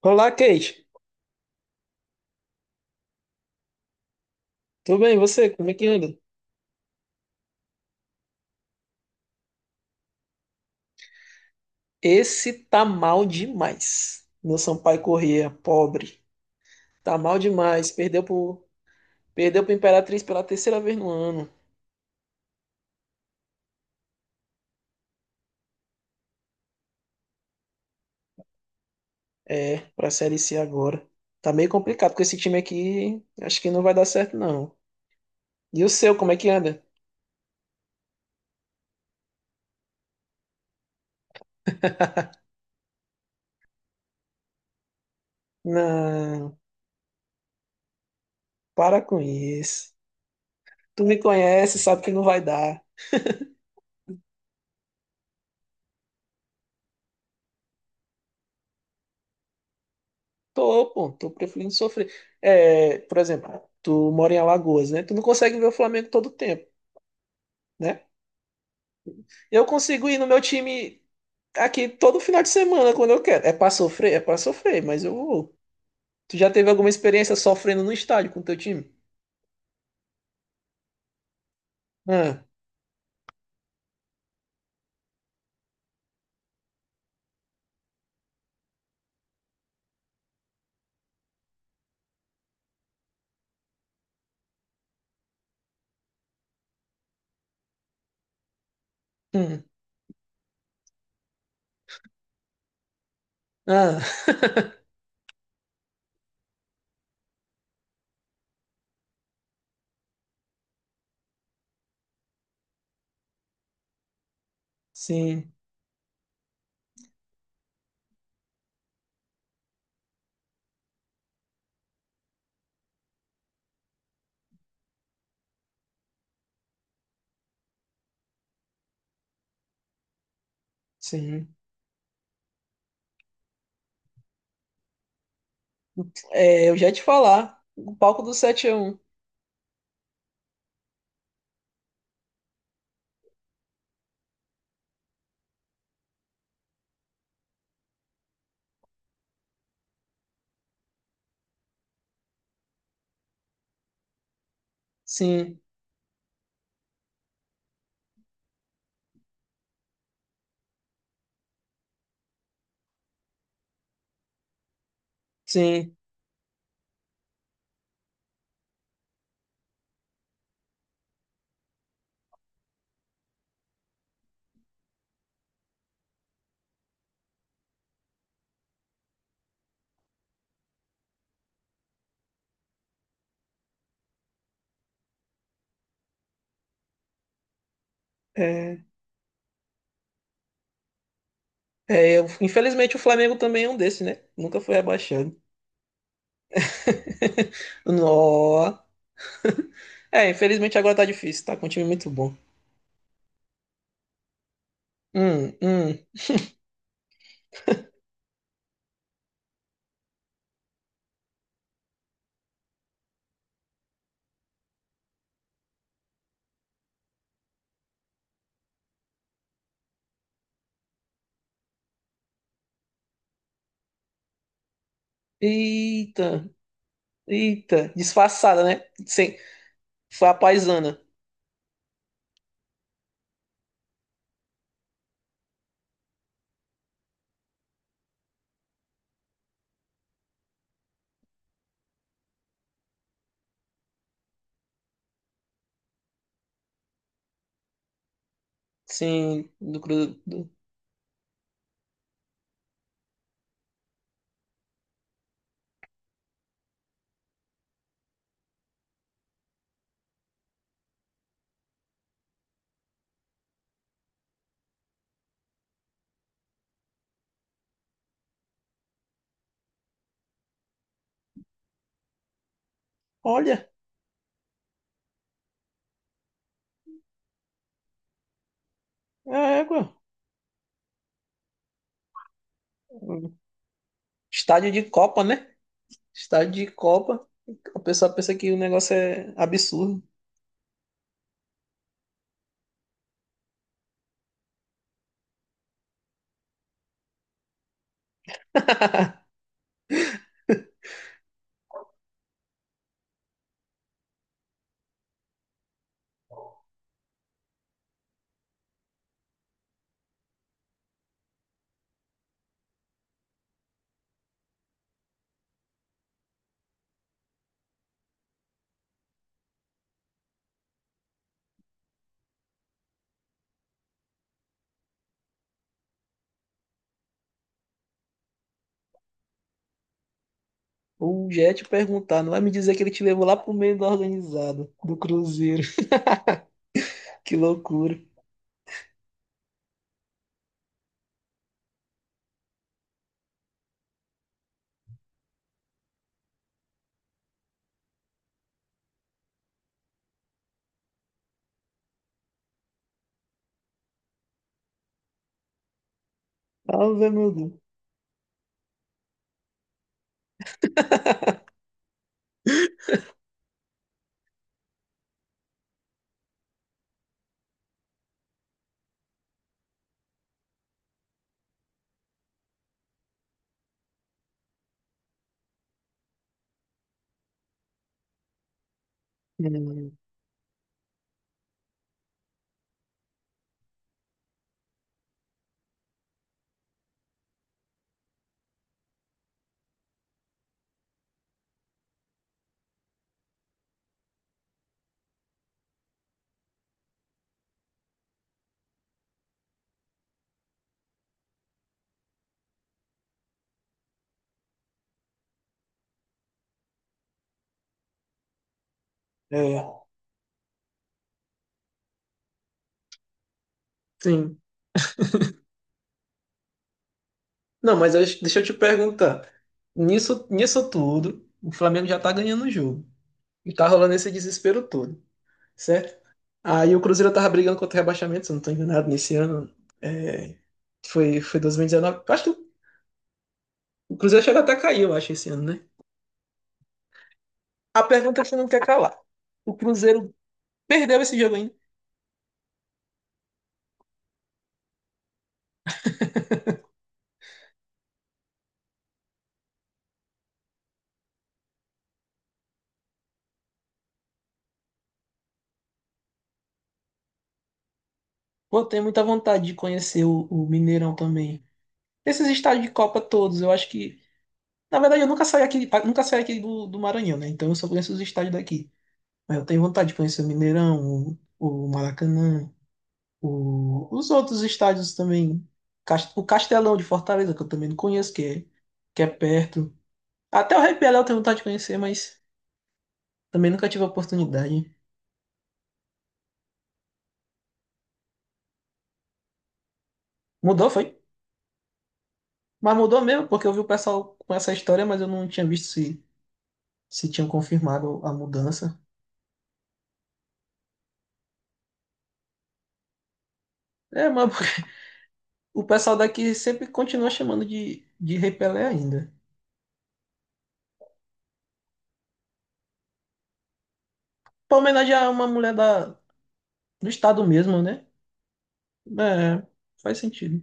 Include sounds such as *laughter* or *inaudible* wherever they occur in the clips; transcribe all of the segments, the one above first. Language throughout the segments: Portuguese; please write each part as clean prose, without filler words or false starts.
Olá, Kate. Tudo bem? E você? Como é que anda? Esse tá mal demais. Meu Sampaio Corrêa, pobre. Tá mal demais. Perdeu pro Imperatriz pela terceira vez no ano. É, pra Série C agora. Tá meio complicado com esse time aqui. Acho que não vai dar certo, não. E o seu, como é que anda? Não, para com isso. Tu me conhece, sabe que não vai dar. Tô, pô, tô preferindo sofrer. É, por exemplo, tu mora em Alagoas, né? Tu não consegue ver o Flamengo todo tempo, né? Eu consigo ir no meu time aqui todo final de semana quando eu quero. É pra sofrer? É pra sofrer, mas eu vou. Tu já teve alguma experiência sofrendo no estádio com teu time? Ah, hum, ah, sim, sim. É, eu já ia te falar. O palco do 7-1. Sim, sim. É, Infelizmente o Flamengo também é um desse, né? Nunca foi rebaixado. *laughs* Nó. É, infelizmente agora tá difícil, tá com um time muito bom. Hum, hum. Eita, eita. Disfarçada, né? Sem. Foi a paisana. Sim, do. Olha, é égua. Estádio de Copa, né? Estádio de Copa. A pessoa pensa que o negócio é absurdo. *laughs* O Jet perguntar, não vai me dizer que ele te levou lá pro meio da organizada, do Cruzeiro. *laughs* Que loucura. Ave, meu Deus. Hum. É, sim. Não, mas deixa eu te perguntar. Nisso tudo, o Flamengo já tá ganhando o jogo. E tá rolando esse desespero todo, certo? Aí o Cruzeiro tava brigando contra o rebaixamento, se eu não tô enganado, nesse ano. É, foi dois mil e. Eu acho que o Cruzeiro chegou até a cair, eu acho, esse ano, né? A pergunta que você não quer calar. O Cruzeiro perdeu esse jogo ainda. Pô, tenho muita vontade de conhecer o Mineirão também. Esses estádios de Copa todos, eu acho que. Na verdade, eu nunca saí aqui, nunca saí aqui do Maranhão, né? Então eu só conheço os estádios daqui. Mas eu tenho vontade de conhecer o Mineirão, o Maracanã. Os outros estádios também. O Castelão de Fortaleza, que eu também não conheço, que é perto. Até o Rei Pelé eu tenho vontade de conhecer, mas também nunca tive a oportunidade. Mudou, foi? Mas mudou mesmo, porque eu vi o pessoal com essa história, mas eu não tinha visto se tinham confirmado a mudança. É, mas *laughs* o pessoal daqui sempre continua chamando de Rei Pelé ainda. Pra homenagear uma mulher da, do estado mesmo, né? É, faz sentido.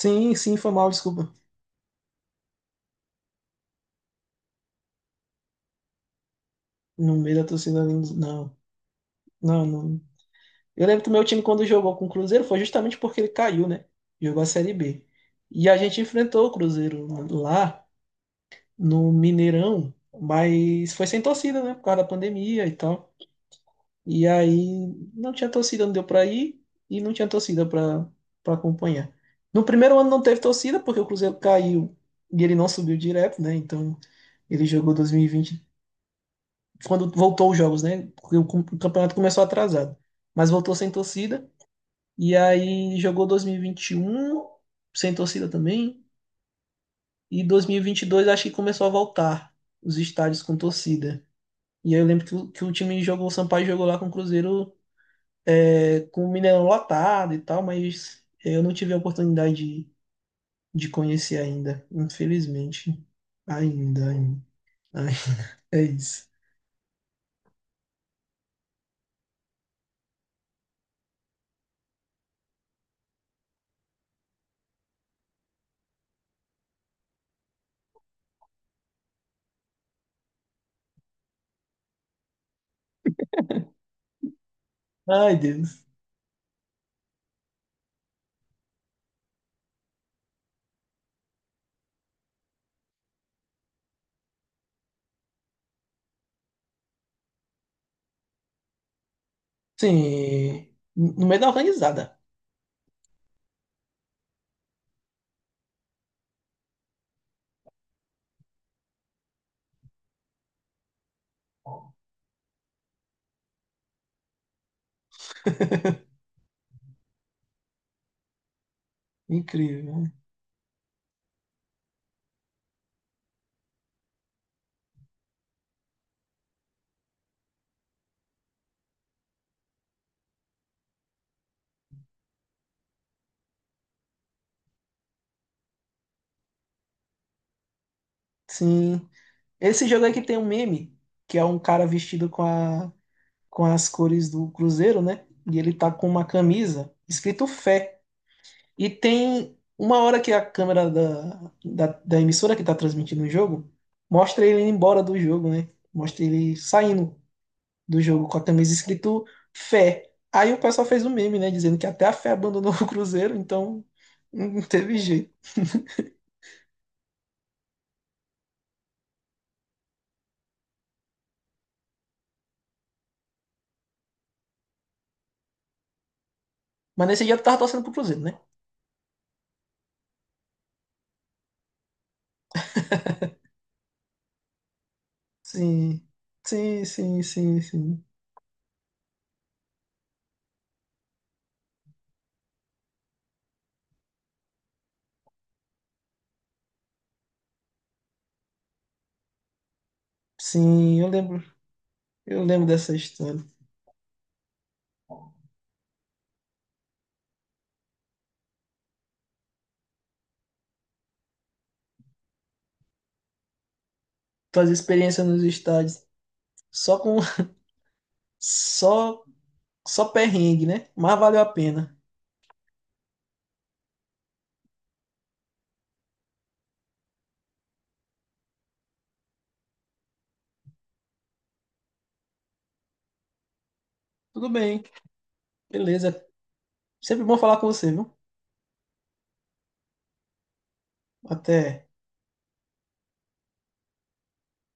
Sim, sim, foi mal, desculpa. No meio da torcida, não. Não, não. Eu lembro que o meu time, quando jogou com o Cruzeiro, foi justamente porque ele caiu, né? Jogou a Série B. E a gente enfrentou o Cruzeiro lá no Mineirão, mas foi sem torcida, né? Por causa da pandemia e tal. E aí não tinha torcida, não deu pra ir e não tinha torcida pra, pra acompanhar. No primeiro ano não teve torcida, porque o Cruzeiro caiu e ele não subiu direto, né? Então ele jogou 2020, quando voltou os jogos, né? Porque o campeonato começou atrasado, mas voltou sem torcida. E aí jogou 2021 sem torcida também. E 2022 acho que começou a voltar os estádios com torcida. E aí eu lembro que o time jogou, o Sampaio jogou lá com o Cruzeiro, com o Mineirão lotado e tal, mas eu não tive a oportunidade de, de conhecer ainda, infelizmente. Ainda, ainda. Ai, *laughs* é isso. Ai, Deus. Sim, no meio da organizada. Incrível. Sim. Esse jogo aqui tem um meme, que é um cara vestido com as cores do Cruzeiro, né? E ele tá com uma camisa escrito fé. E tem uma hora que a câmera da emissora que tá transmitindo o jogo mostra ele indo embora do jogo, né? Mostra ele saindo do jogo com a camisa escrito fé. Aí o pessoal fez um meme, né? Dizendo que até a fé abandonou o Cruzeiro, então não teve jeito. Mas nesse dia tu tava torcendo pro Cruzeiro, né? Sim, sim, sim, sim, sim. Sim, eu lembro dessa história. Fazer experiências nos estádios só com *laughs* só só perrengue, né? Mas valeu a pena. Tudo bem, beleza. Sempre bom falar com você, viu? Até.